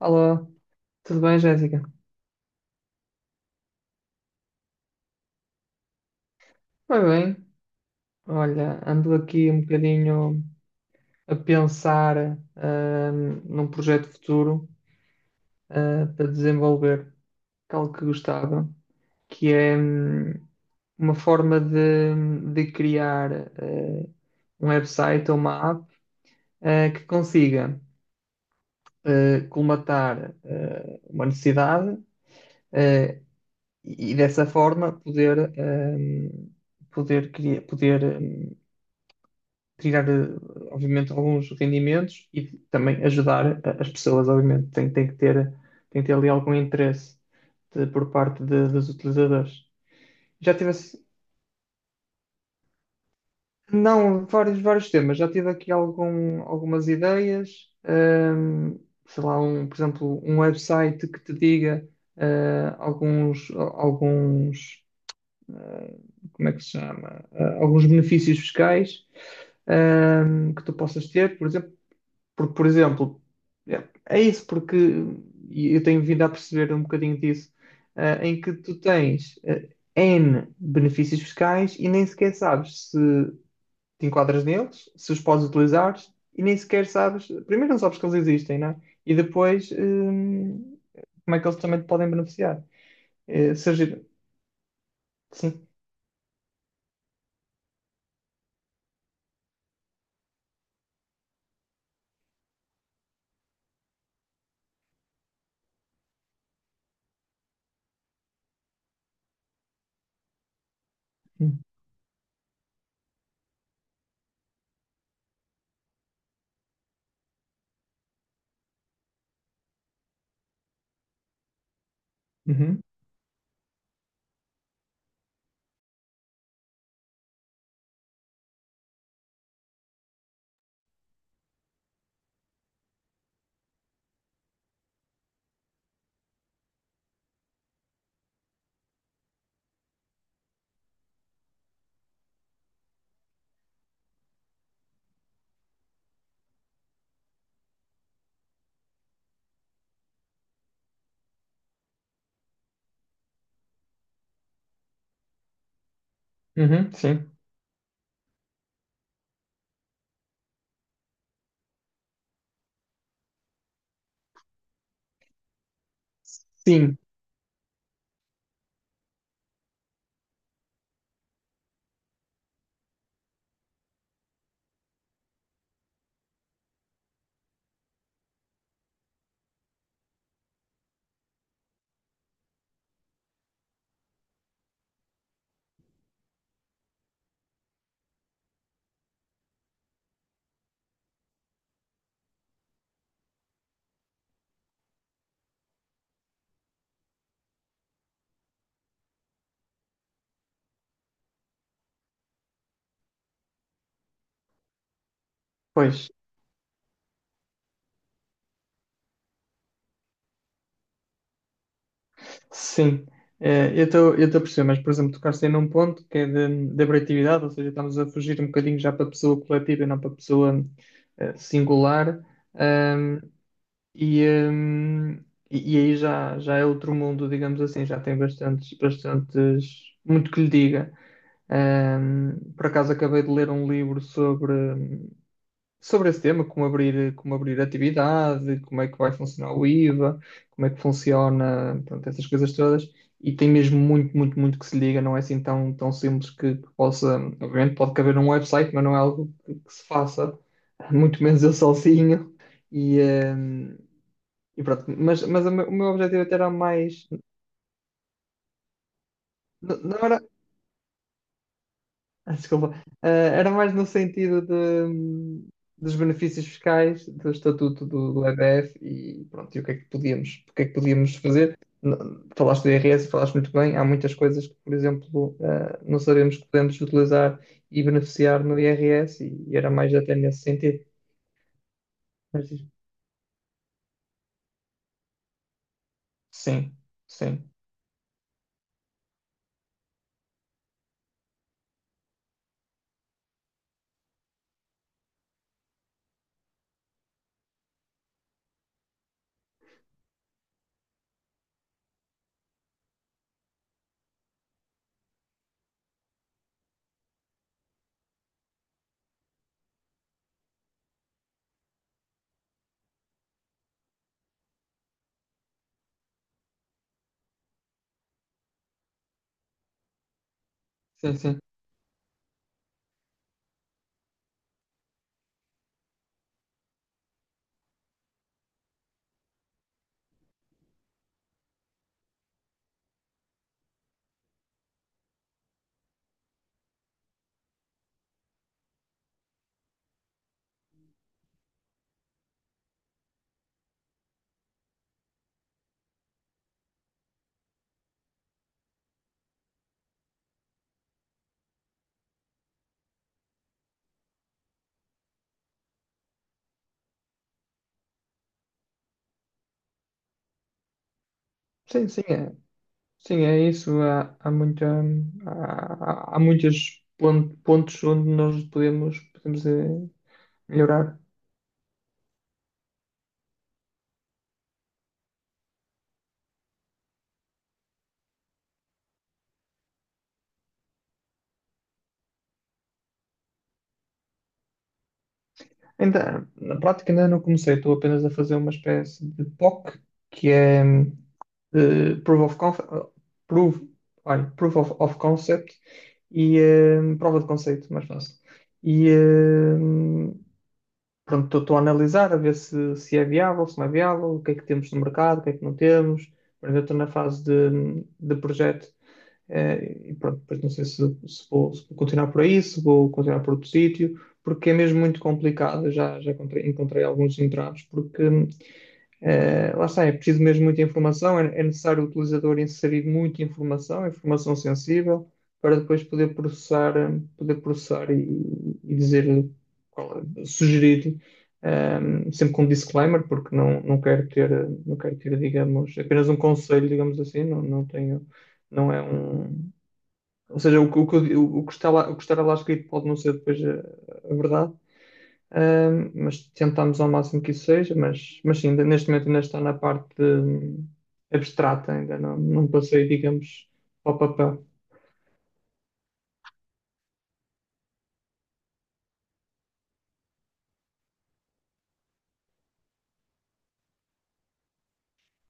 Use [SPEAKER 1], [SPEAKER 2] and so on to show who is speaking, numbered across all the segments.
[SPEAKER 1] Olá, tudo bem, Jéssica? Vai bem. Olha, ando aqui um bocadinho a pensar num projeto futuro para desenvolver, que é algo que gostava, que é uma forma de criar eh, um website ou uma app que consiga colmatar uma necessidade eh, e dessa forma poder, poder, criar, poder tirar, obviamente, alguns rendimentos e também ajudar as pessoas, obviamente. Tem que ter ali algum interesse por parte dos utilizadores. Já tive, assim- não, vários temas. Já tive aqui algumas ideias. Sei lá, um, por exemplo, um website que te diga alguns, como é que se chama? Alguns benefícios fiscais que tu possas ter, por exemplo. Porque, por exemplo, é isso, porque e eu tenho vindo a perceber um bocadinho disso, em que tu tens N benefícios fiscais e nem sequer sabes se te enquadras neles, se os podes utilizar e nem sequer sabes, primeiro não sabes que eles existem, não é? E depois, como é que eles também te podem beneficiar? Eh, surgir- Sim. Uhum. Uhum. Sim. Sim, pois. Sim. Eu estou a perceber, mas por exemplo, tocaste aí num ponto que é da abratividade, ou seja, estamos a fugir um bocadinho já para a pessoa coletiva e não para a pessoa singular. Ahm, e, ahm, e aí já é outro mundo, digamos assim, já tem bastantes, bastantes, muito que lhe diga. Por acaso acabei de ler um livro sobre esse tema, como abrir atividade, como é que vai funcionar o IVA, como é que funciona, portanto, essas coisas todas. E tem mesmo muito, muito, muito que se liga, não é assim tão, tão simples que possa. Obviamente pode caber um website, mas não é algo que se faça, muito menos eu sozinho. E, eh, e pronto, mas o meu objetivo até era mais. Não era. Desculpa. Era mais no sentido de, dos benefícios fiscais do estatuto do EDF e pronto, e o que é que podíamos fazer? Falaste do IRS, e falaste muito bem, há muitas coisas que, por exemplo, não sabemos que podemos utilizar e beneficiar no IRS e era mais até nesse sentido. Mas diz- Sim, sim, sim, sim. Sim, sim, é isso. Há, há, muita, há, há há muitos pontos onde nós podemos melhorar. Ainda, na prática ainda não comecei, estou apenas a fazer uma espécie de POC, que é Proof of Conf- Proof, olha, Proof of Concept e prova de conceito, mais fácil. E pronto, estou a analisar, a ver se é viável, se não é viável, o que é que temos no mercado, o que é que não temos. Ainda estou na fase de projeto. E pronto, depois não sei se vou continuar por aí, se vou continuar por outro sítio, porque é mesmo muito complicado. Eu já encontrei alguns entraves, porque lá está, é preciso mesmo muita informação, é necessário o utilizador inserir muita informação, informação sensível, para depois poder processar e dizer sugerir. Sempre com disclaimer, porque não quero ter, digamos, apenas um conselho, digamos assim, não tenho, não é um, ou seja, o que está lá, o que estará lá escrito pode não ser depois a verdade, mas tentamos ao máximo que isso seja, mas sim, neste momento ainda está na parte abstrata, ainda não passei, digamos, ao papel.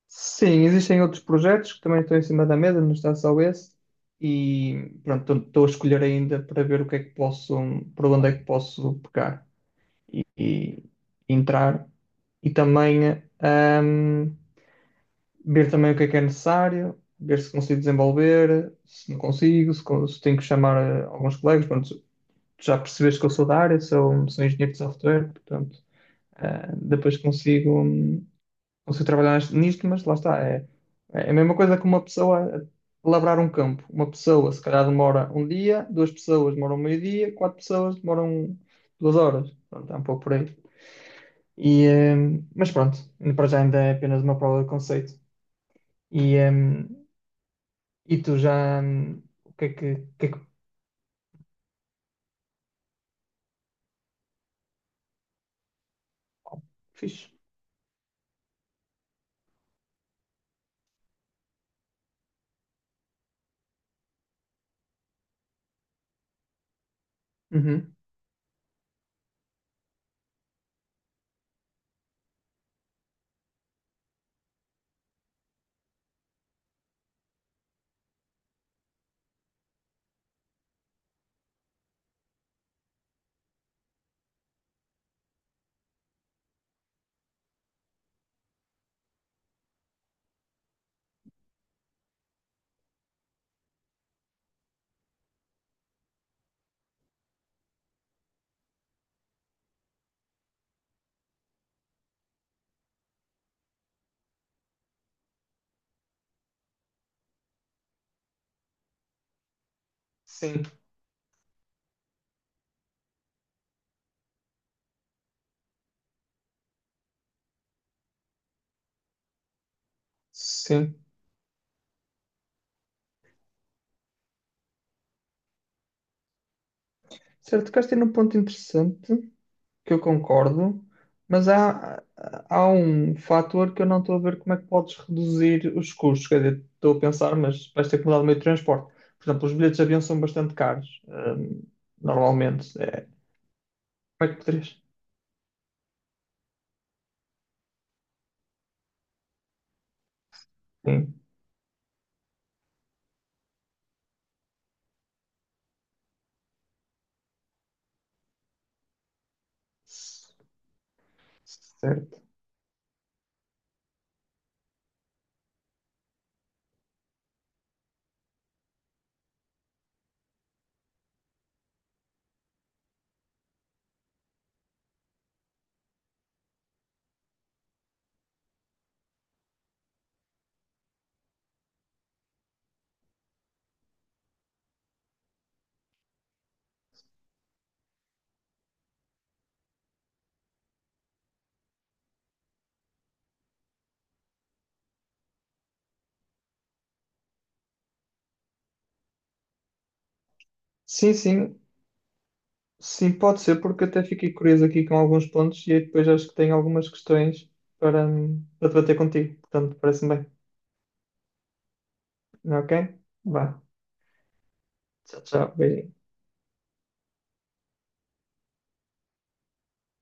[SPEAKER 1] Sim, existem outros projetos que também estão em cima da mesa, não está só esse, e pronto, estou a escolher ainda para ver o que é que posso, para onde é que posso pegar e entrar. E também, ver também o que é necessário, ver se consigo desenvolver, se não consigo, se tenho que chamar alguns colegas. Pronto, já percebeste que eu sou da área, sou engenheiro de software, portanto, depois consigo trabalhar nisto, mas lá está, é a mesma coisa que uma pessoa labrar um campo. Uma pessoa, se calhar, demora um dia, duas pessoas demoram um meio-dia, quatro pessoas demoram 2 horas. Pronto, é um pouco por aí. E, mas pronto, para já ainda é apenas uma prova de conceito. E, hum, E tu já. O que é que fiz? Uhum. Sim, sim. Certo, tocaste aí num ponto interessante que eu concordo, mas há um fator que eu não estou a ver como é que podes reduzir os custos. Quer dizer, estou a pensar, mas vais ter que mudar de meio de transporte. Por exemplo, os bilhetes de avião são bastante caros, normalmente. É, como é que poderias? Sim, certo. Sim, sim. Sim, pode ser, porque até fiquei curioso aqui com alguns pontos e aí depois acho que tenho algumas questões para debater contigo. Portanto, parece-me bem. Ok? Vá. Tchau, tchau. Beijinho.